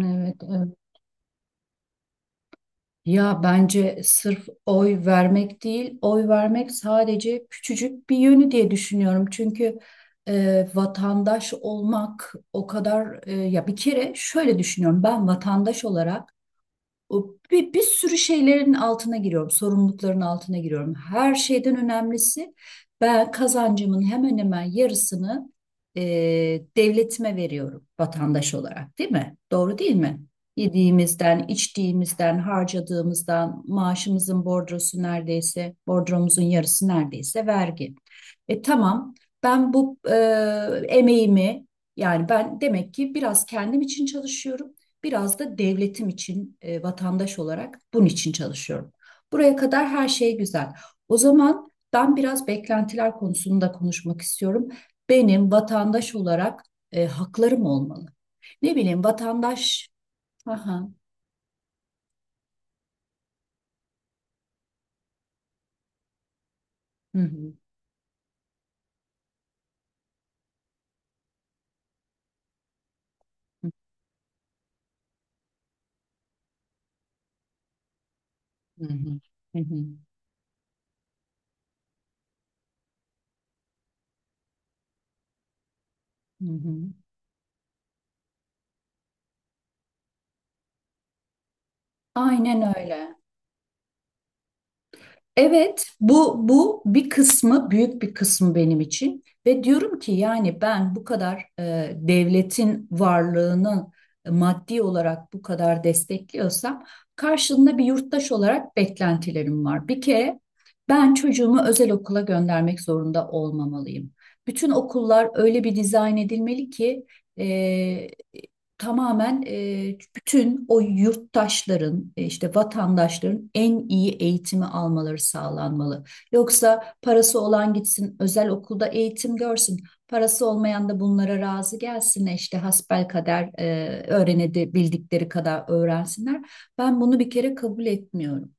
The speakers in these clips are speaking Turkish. Evet, evet. Ya bence sırf oy vermek değil, oy vermek sadece küçücük bir yönü diye düşünüyorum. Çünkü vatandaş olmak o kadar ya bir kere şöyle düşünüyorum. Ben vatandaş olarak o bir sürü şeylerin altına giriyorum, sorumlulukların altına giriyorum. Her şeyden önemlisi ben kazancımın hemen hemen yarısını e, devletime veriyorum vatandaş olarak, değil mi? Doğru değil mi? Yediğimizden, içtiğimizden, harcadığımızdan, maaşımızın bordrosu neredeyse, bordromuzun yarısı neredeyse vergi. E tamam, ben bu emeğimi yani ben demek ki biraz kendim için çalışıyorum. Biraz da devletim için vatandaş olarak bunun için çalışıyorum. Buraya kadar her şey güzel. O zaman ben biraz beklentiler konusunu da konuşmak istiyorum. Benim vatandaş olarak haklarım olmalı. Ne bileyim vatandaş. Aha. Hı hı. Hı hı. Hı hı. Hı hı. Aynen öyle. Evet, bu bir kısmı, büyük bir kısmı benim için, ve diyorum ki yani ben bu kadar devletin varlığını maddi olarak bu kadar destekliyorsam, karşılığında bir yurttaş olarak beklentilerim var. Bir kere ben çocuğumu özel okula göndermek zorunda olmamalıyım. Bütün okullar öyle bir dizayn edilmeli ki e, tamamen bütün o yurttaşların, işte vatandaşların, en iyi eğitimi almaları sağlanmalı. Yoksa parası olan gitsin özel okulda eğitim görsün. Parası olmayan da bunlara razı gelsin işte hasbelkader öğrenedi bildikleri kadar öğrensinler. Ben bunu bir kere kabul etmiyorum.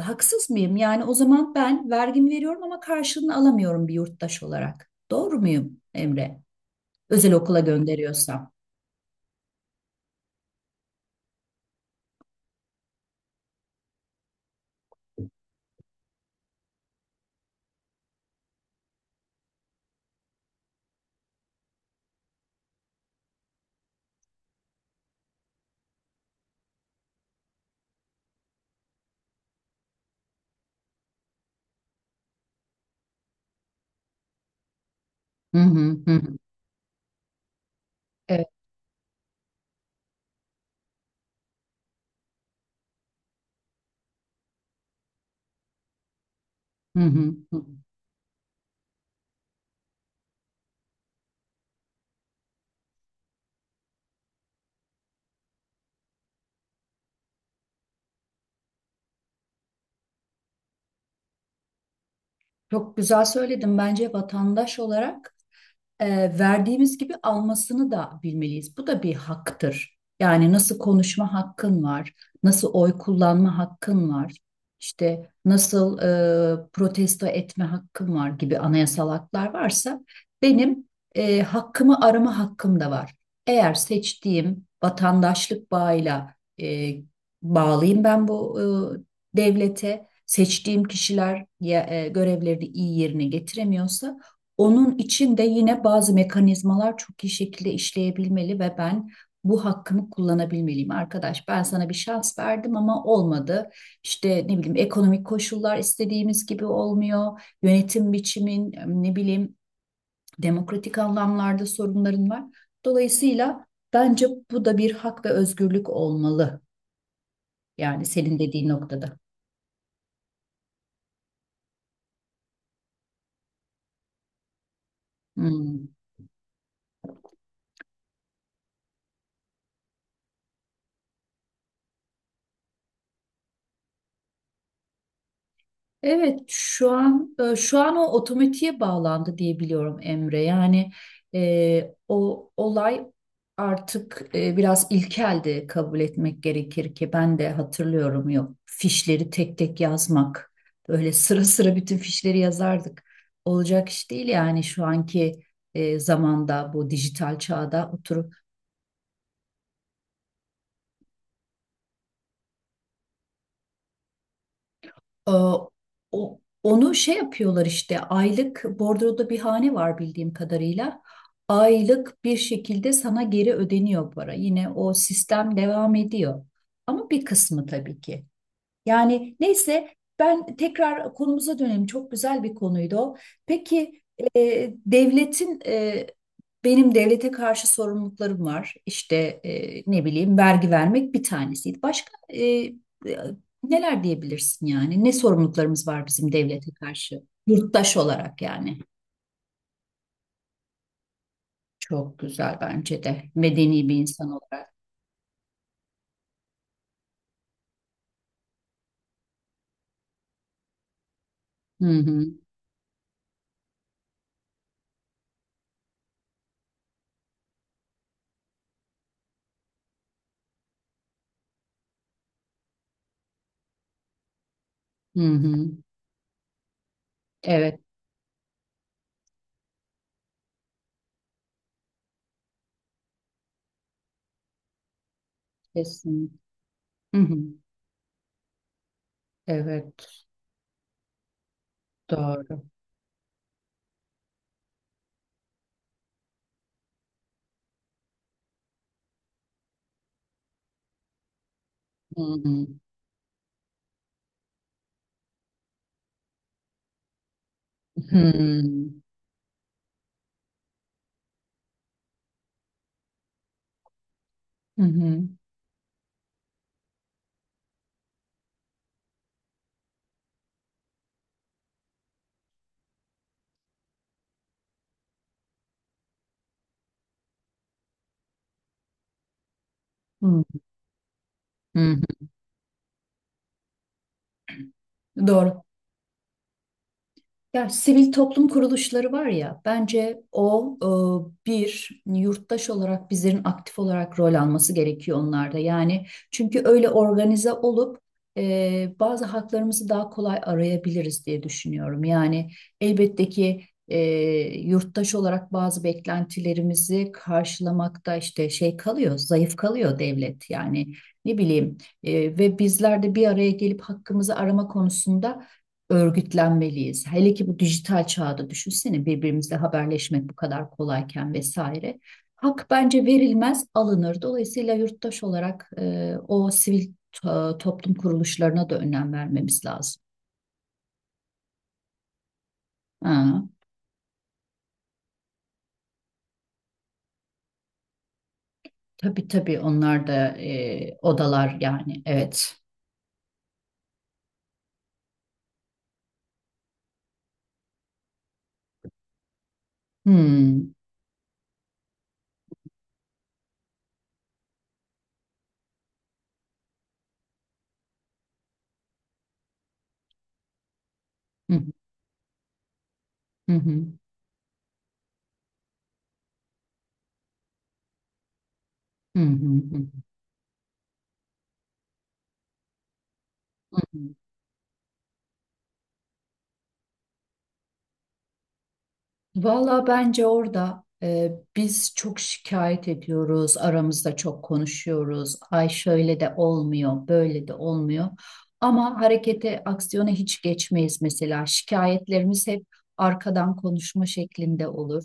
Haksız mıyım? Yani o zaman ben vergimi veriyorum ama karşılığını alamıyorum bir yurttaş olarak. Doğru muyum Emre? Özel okula gönderiyorsam. Hı hı, hı hı. Evet. Hı hı, hı. Çok güzel söyledim. Bence vatandaş olarak verdiğimiz gibi almasını da bilmeliyiz. Bu da bir haktır. Yani nasıl konuşma hakkın var, nasıl oy kullanma hakkın var, işte nasıl protesto etme hakkın var gibi anayasal haklar varsa, benim hakkımı arama hakkım da var. Eğer seçtiğim vatandaşlık bağıyla e, bağlıyım ben bu devlete, seçtiğim kişiler ya, görevlerini iyi yerine getiremiyorsa, onun için de yine bazı mekanizmalar çok iyi şekilde işleyebilmeli ve ben bu hakkımı kullanabilmeliyim. Arkadaş ben sana bir şans verdim ama olmadı. İşte ne bileyim, ekonomik koşullar istediğimiz gibi olmuyor. Yönetim biçimin, ne bileyim, demokratik anlamlarda sorunların var. Dolayısıyla bence bu da bir hak ve özgürlük olmalı. Yani senin dediğin noktada. Hmm. Evet, şu an şu an o otomatiğe bağlandı diye biliyorum Emre. Yani o olay artık biraz ilkeldi, kabul etmek gerekir ki, ben de hatırlıyorum, yok fişleri tek tek yazmak. Böyle sıra sıra bütün fişleri yazardık. Olacak iş değil yani şu anki zamanda, bu dijital çağda oturup. Ee, o- onu şey yapıyorlar işte, aylık bordroda bir hane var bildiğim kadarıyla. Aylık bir şekilde sana geri ödeniyor para. Yine o sistem devam ediyor. Ama bir kısmı tabii ki. Yani neyse, ben tekrar konumuza dönelim. Çok güzel bir konuydu o. Peki devletin benim devlete karşı sorumluluklarım var. İşte ne bileyim, vergi vermek bir tanesiydi. Başka neler diyebilirsin yani? Ne sorumluluklarımız var bizim devlete karşı? Yurttaş olarak yani. Çok güzel, bence de, medeni bir insan olarak. Hı hı. Hı hı. Evet, kesin. Hı hı. Evet, doğru. Hı hı. Hmm. Hı hı. Hı hı. Hı hı. Doğru. Ya sivil toplum kuruluşları var ya, bence o bir yurttaş olarak bizlerin aktif olarak rol alması gerekiyor onlarda. Yani çünkü öyle organize olup bazı haklarımızı daha kolay arayabiliriz diye düşünüyorum. Yani elbette ki e, yurttaş olarak bazı beklentilerimizi karşılamakta işte şey kalıyor, zayıf kalıyor devlet. Yani ne bileyim ve bizler de bir araya gelip hakkımızı arama konusunda örgütlenmeliyiz. Hele ki bu dijital çağda, düşünsene, birbirimizle haberleşmek bu kadar kolayken vesaire. Hak bence verilmez, alınır. Dolayısıyla yurttaş olarak o sivil toplum kuruluşlarına da önem vermemiz lazım. Ha, tabii tabii, onlar da odalar, yani evet. Hmm. Hı hı, hı hı, hı hı, hı, hı. Valla bence orada biz çok şikayet ediyoruz, aramızda çok konuşuyoruz. Ay şöyle de olmuyor, böyle de olmuyor. Ama harekete, aksiyona hiç geçmeyiz mesela. Şikayetlerimiz hep arkadan konuşma şeklinde olur.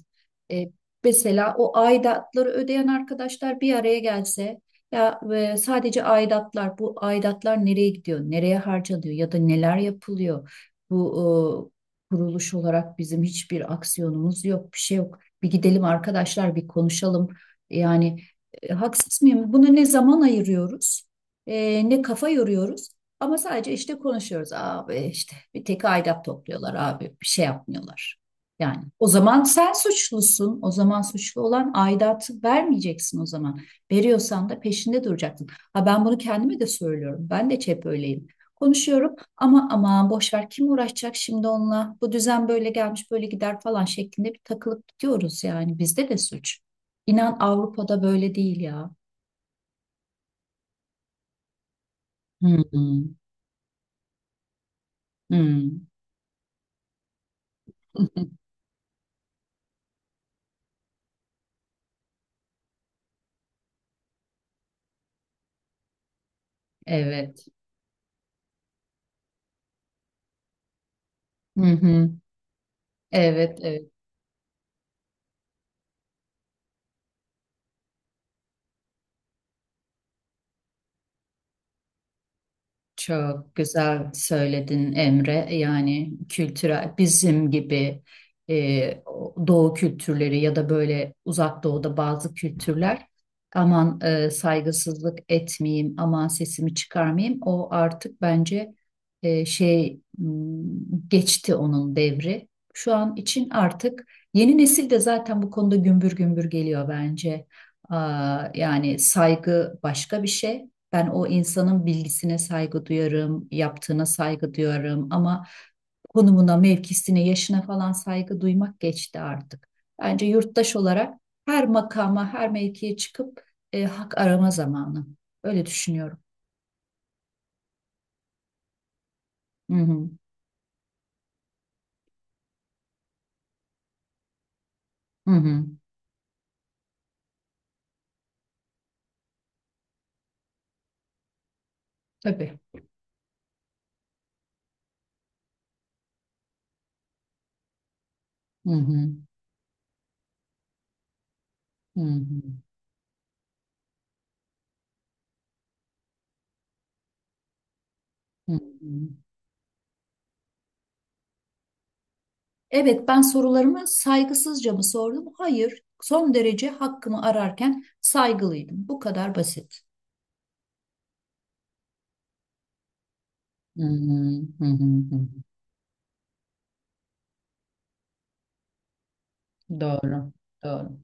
E, mesela o aidatları ödeyen arkadaşlar bir araya gelse, ya sadece aidatlar, bu aidatlar nereye gidiyor, nereye harcanıyor ya da neler yapılıyor? Bu kuruluş olarak bizim hiçbir aksiyonumuz yok, bir şey yok. Bir gidelim arkadaşlar, bir konuşalım. Yani haksız mıyım? Buna ne zaman ayırıyoruz, ne kafa yoruyoruz. Ama sadece işte konuşuyoruz. Abi işte bir tek aidat topluyorlar abi, bir şey yapmıyorlar. Yani o zaman sen suçlusun. O zaman suçlu olan aidatı vermeyeceksin o zaman. Veriyorsan da peşinde duracaksın. Ha, ben bunu kendime de söylüyorum. Ben de hep öyleyim. Konuşuyorum. Ama aman boş ver, kim uğraşacak şimdi onunla? Bu düzen böyle gelmiş böyle gider falan şeklinde bir takılıp gidiyoruz yani. Bizde de suç. İnan Avrupa'da böyle değil ya. Hı hı. Hı. Evet. Hı hı. Evet, evet. Çok güzel söyledin Emre. Yani kültürel, bizim gibi o- doğu kültürleri ya da böyle uzak doğuda bazı kültürler, aman saygısızlık etmeyeyim, aman sesimi çıkarmayayım. O artık bence e, şey m, geçti onun devri. Şu an için artık yeni nesil de zaten bu konuda gümbür gümbür geliyor bence. Aa, yani saygı başka bir şey. Ben o insanın bilgisine saygı duyarım, yaptığına saygı duyarım ama konumuna, mevkisine, yaşına falan saygı duymak geçti artık. Bence yurttaş olarak her makama, her mevkiye çıkıp hak arama zamanı. Öyle düşünüyorum. Hı hı. Hı hı. Tabii. Hı hı. Hı hı. Hı hı. Evet, ben sorularımı saygısızca mı sordum? Hayır. Son derece hakkımı ararken saygılıydım. Bu kadar basit. Hı hı. Hı hı. Hı. Doğru. Doğru.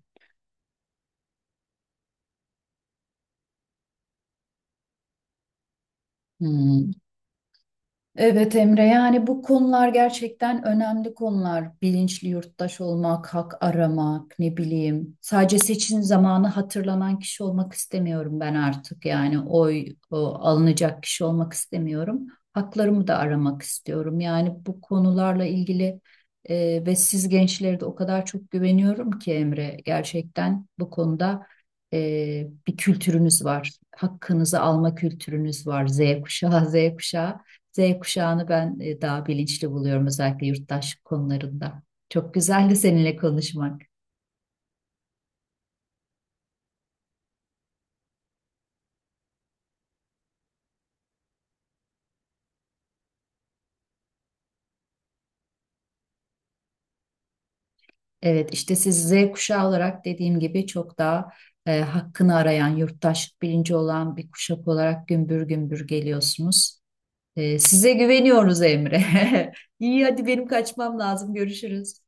Hmm. Evet Emre, yani bu konular gerçekten önemli konular. Bilinçli yurttaş olmak, hak aramak, ne bileyim. Sadece seçim zamanı hatırlanan kişi olmak istemiyorum ben artık. Yani alınacak kişi olmak istemiyorum. Haklarımı da aramak istiyorum. Yani bu konularla ilgili ve siz gençlere de o kadar çok güveniyorum ki Emre. Gerçekten bu konuda e, bir kültürünüz var. Hakkınızı alma kültürünüz var. Z kuşağı, Z kuşağı. Z kuşağını ben daha bilinçli buluyorum özellikle yurttaşlık konularında. Çok güzeldi seninle konuşmak. Evet işte siz Z kuşağı olarak dediğim gibi çok daha hakkını arayan, yurttaşlık bilinci olan bir kuşak olarak gümbür gümbür geliyorsunuz. E, size güveniyoruz Emre. İyi hadi benim kaçmam lazım. Görüşürüz.